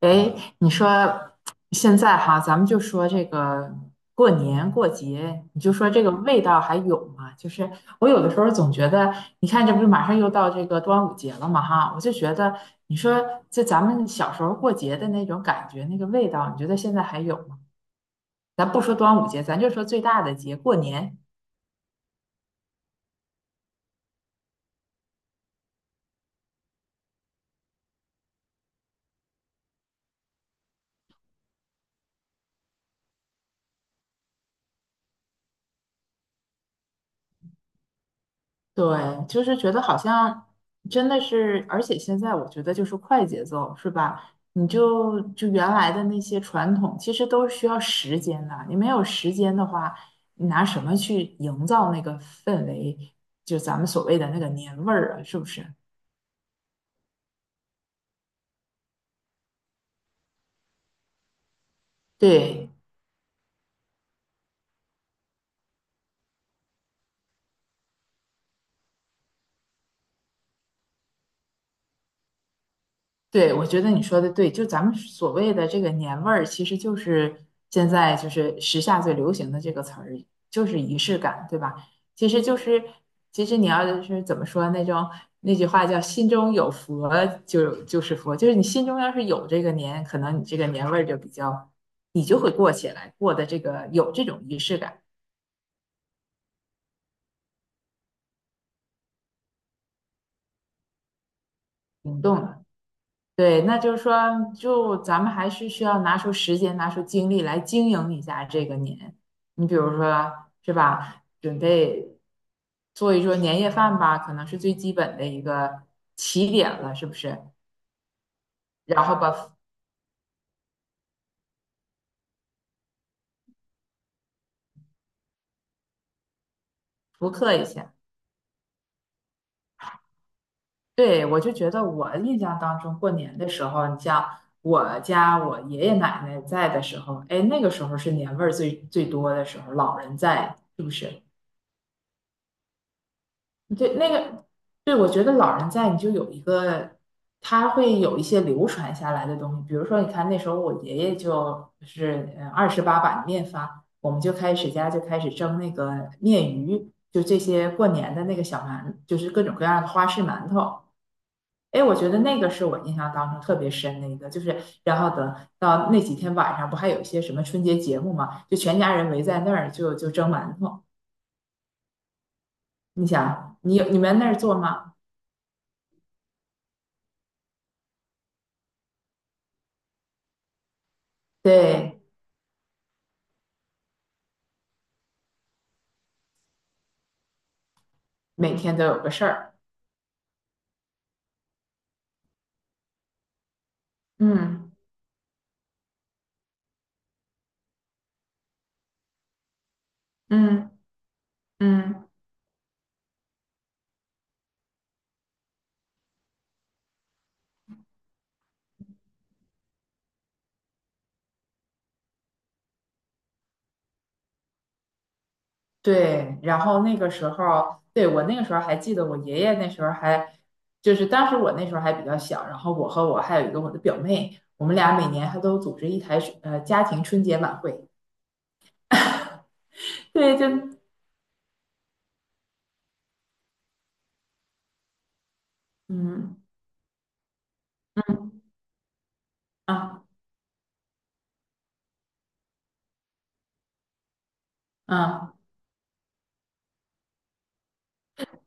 哎，你说现在哈，咱们就说这个过年过节，你就说这个味道还有吗？就是我有的时候总觉得，你看这不是马上又到这个端午节了嘛哈，我就觉得，你说就咱们小时候过节的那种感觉，那个味道，你觉得现在还有吗？咱不说端午节，咱就说最大的节，过年。对，就是觉得好像真的是，而且现在我觉得就是快节奏，是吧？你就原来的那些传统，其实都是需要时间的。你没有时间的话，你拿什么去营造那个氛围？就咱们所谓的那个年味儿啊，是不是？对，对，我觉得你说的对，就咱们所谓的这个年味儿，其实就是现在就是时下最流行的这个词儿，就是仪式感，对吧？其实就是，其实你要是怎么说那种那句话叫"心中有佛就是佛”，就是你心中要是有这个年，可能你这个年味儿就比较，你就会过起来，过的这个有这种仪式感，灵动了。对，那就是说，就咱们还是需要拿出时间、拿出精力来经营一下这个年。你比如说，是吧？准备做一桌年夜饭吧，可能是最基本的一个起点了，是不是？然后把复刻一下。对，我就觉得我印象当中过年的时候，你像我家我爷爷奶奶在的时候，哎，那个时候是年味儿最最多的时候，老人在，是不是？对，那个，对，我觉得老人在，你就有一个，他会有一些流传下来的东西。比如说，你看那时候我爷爷就是28把面发，我们就开始家就开始蒸那个面鱼，就这些过年的那个小馒，就是各种各样的花式馒头。哎，我觉得那个是我印象当中特别深的一个，就是然后等到那几天晚上，不还有一些什么春节节目嘛，就全家人围在那儿就蒸馒头。你想，你们那儿做吗？对，每天都有个事儿。嗯嗯嗯，对。然后那个时候，对，我那个时候还记得，我爷爷那时候还，就是当时我那时候还比较小，然后我和我还有一个我的表妹，我们俩每年还都组织一台家庭春节晚会。对，就嗯啊嗯，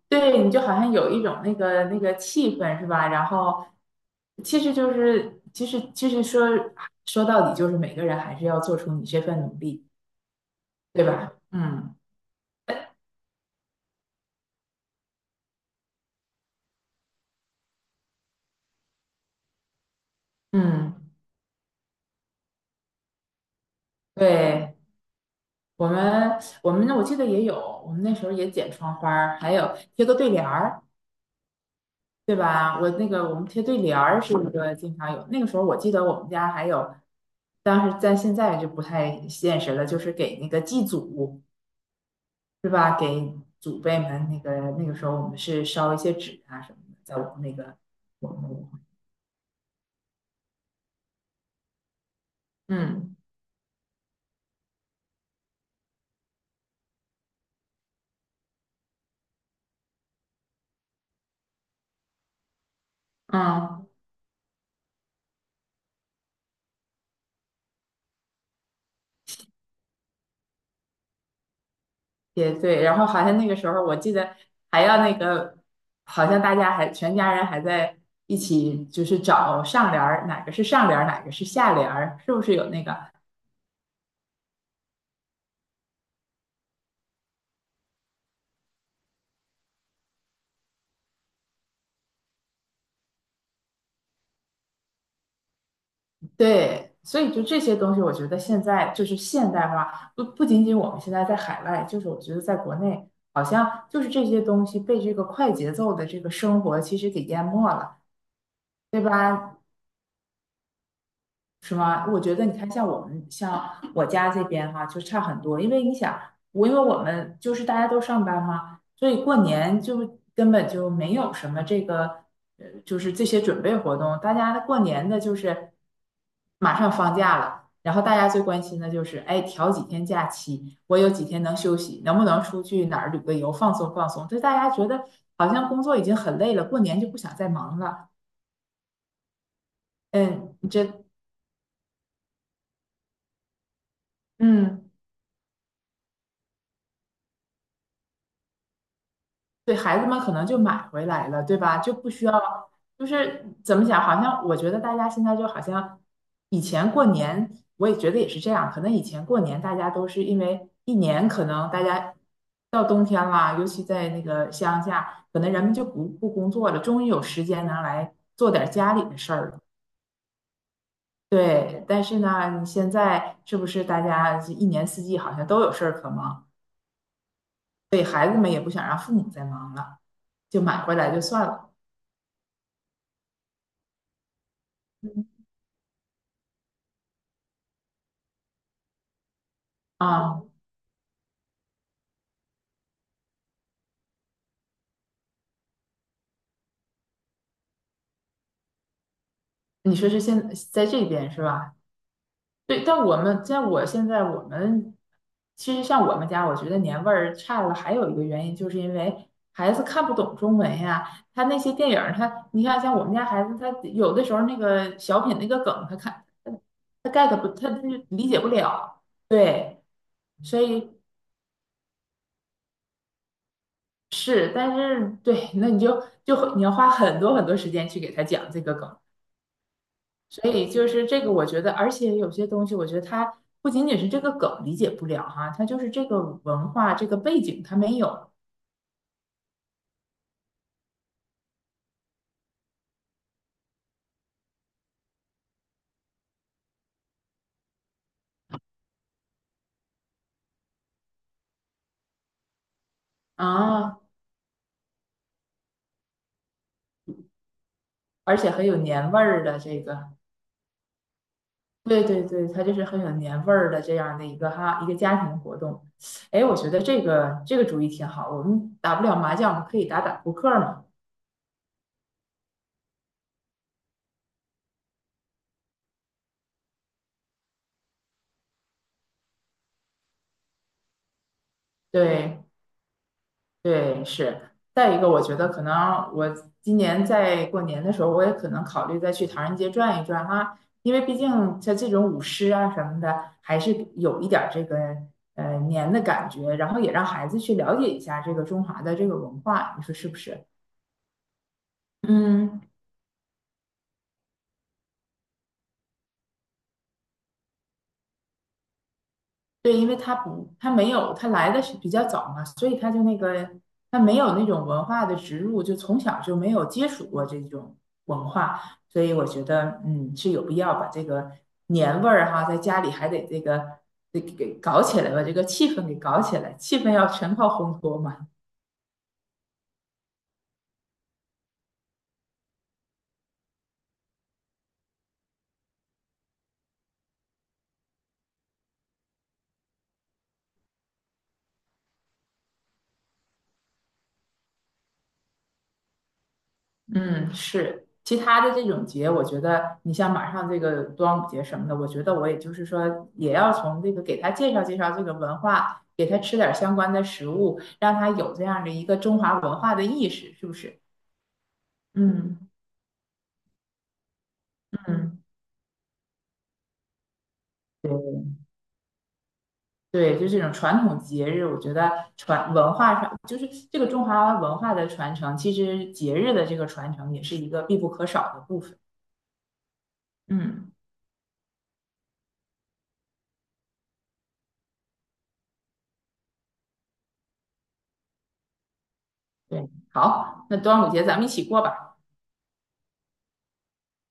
对，你就好像有一种那个那个气氛是吧？然后其实说到底就是每个人还是要做出你这份努力，对吧？嗯。嗯，对，我们那我记得也有，我们那时候也剪窗花儿还有贴个对联儿，对吧？我那个我们贴对联儿是一个经常有，那个时候我记得我们家还有，但是在现在就不太现实了，就是给那个祭祖，是吧？给祖辈们那个那个时候我们是烧一些纸啊什么的，在我们那个我们嗯嗯。也对，然后好像那个时候我记得还要那个，好像大家还全家人还在一起，就是找上联儿，哪个是上联儿，哪个是下联儿，是不是有那个？对，所以就这些东西，我觉得现在就是现代化，不仅仅我们现在在海外，就是我觉得在国内，好像就是这些东西被这个快节奏的这个生活其实给淹没了，对吧？是吗？我觉得你看，像我们像我家这边哈，就差很多。因为你想，我因为我们就是大家都上班嘛，所以过年就根本就没有什么这个，就是这些准备活动。大家的过年的就是马上放假了，然后大家最关心的就是，哎，调几天假期，我有几天能休息，能不能出去哪儿旅个游放松放松？就大家觉得好像工作已经很累了，过年就不想再忙了。嗯，你这嗯。对孩子们可能就买回来了，对吧？就不需要，就是怎么讲？好像我觉得大家现在就好像以前过年，我也觉得也是这样。可能以前过年大家都是因为一年可能大家到冬天啦，尤其在那个乡下，可能人们就不工作了，终于有时间拿来做点家里的事儿了。对，但是呢，你现在是不是大家一年四季好像都有事儿可忙，所以孩子们也不想让父母再忙了，就买回来就算了。啊，你说是现在这边是吧？对，但我们其实像我们家，我觉得年味儿差了，还有一个原因就是因为孩子看不懂中文呀。他那些电影儿他你看像我们家孩子，他有的时候那个小品那个梗，他看他 get 不，他就理解不了。对，所以是，但是对，那你就你要花很多很多时间去给他讲这个梗。所以就是这个，我觉得，而且有些东西，我觉得它不仅仅是这个梗理解不了哈，它就是这个文化这个背景它没有啊，而且很有年味儿的这个，对对对，它就是很有年味儿的这样的一个哈一个家庭活动。哎，我觉得这个主意挺好，我们打不了麻将，我们可以打打扑克嘛。对，对，是。再一个，我觉得可能我今年在过年的时候，我也可能考虑再去唐人街转一转哈，因为毕竟像这种舞狮啊什么的，还是有一点儿这个年的感觉，然后也让孩子去了解一下这个中华的这个文化，你说是不是？嗯，对，因为他不，他没有，他来的是比较早嘛，所以他就那个，他没有那种文化的植入，就从小就没有接触过这种文化，所以我觉得，嗯，是有必要把这个年味儿哈，在家里还得这个，得给搞起来，把这个气氛给搞起来，气氛要全靠烘托嘛。嗯，是。其他的这种节，我觉得你像马上这个端午节什么的，我觉得我也就是说，也要从这个给他介绍介绍这个文化，给他吃点儿相关的食物，让他有这样的一个中华文化的意识，是不是？嗯嗯，对，就这种传统节日，我觉得传文化上，就是这个中华文化的传承，其实节日的这个传承也是一个必不可少的部分。嗯，对，好，那端午节咱们一起过吧。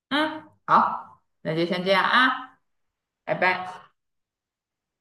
嗯，好，那就先这样啊，拜拜。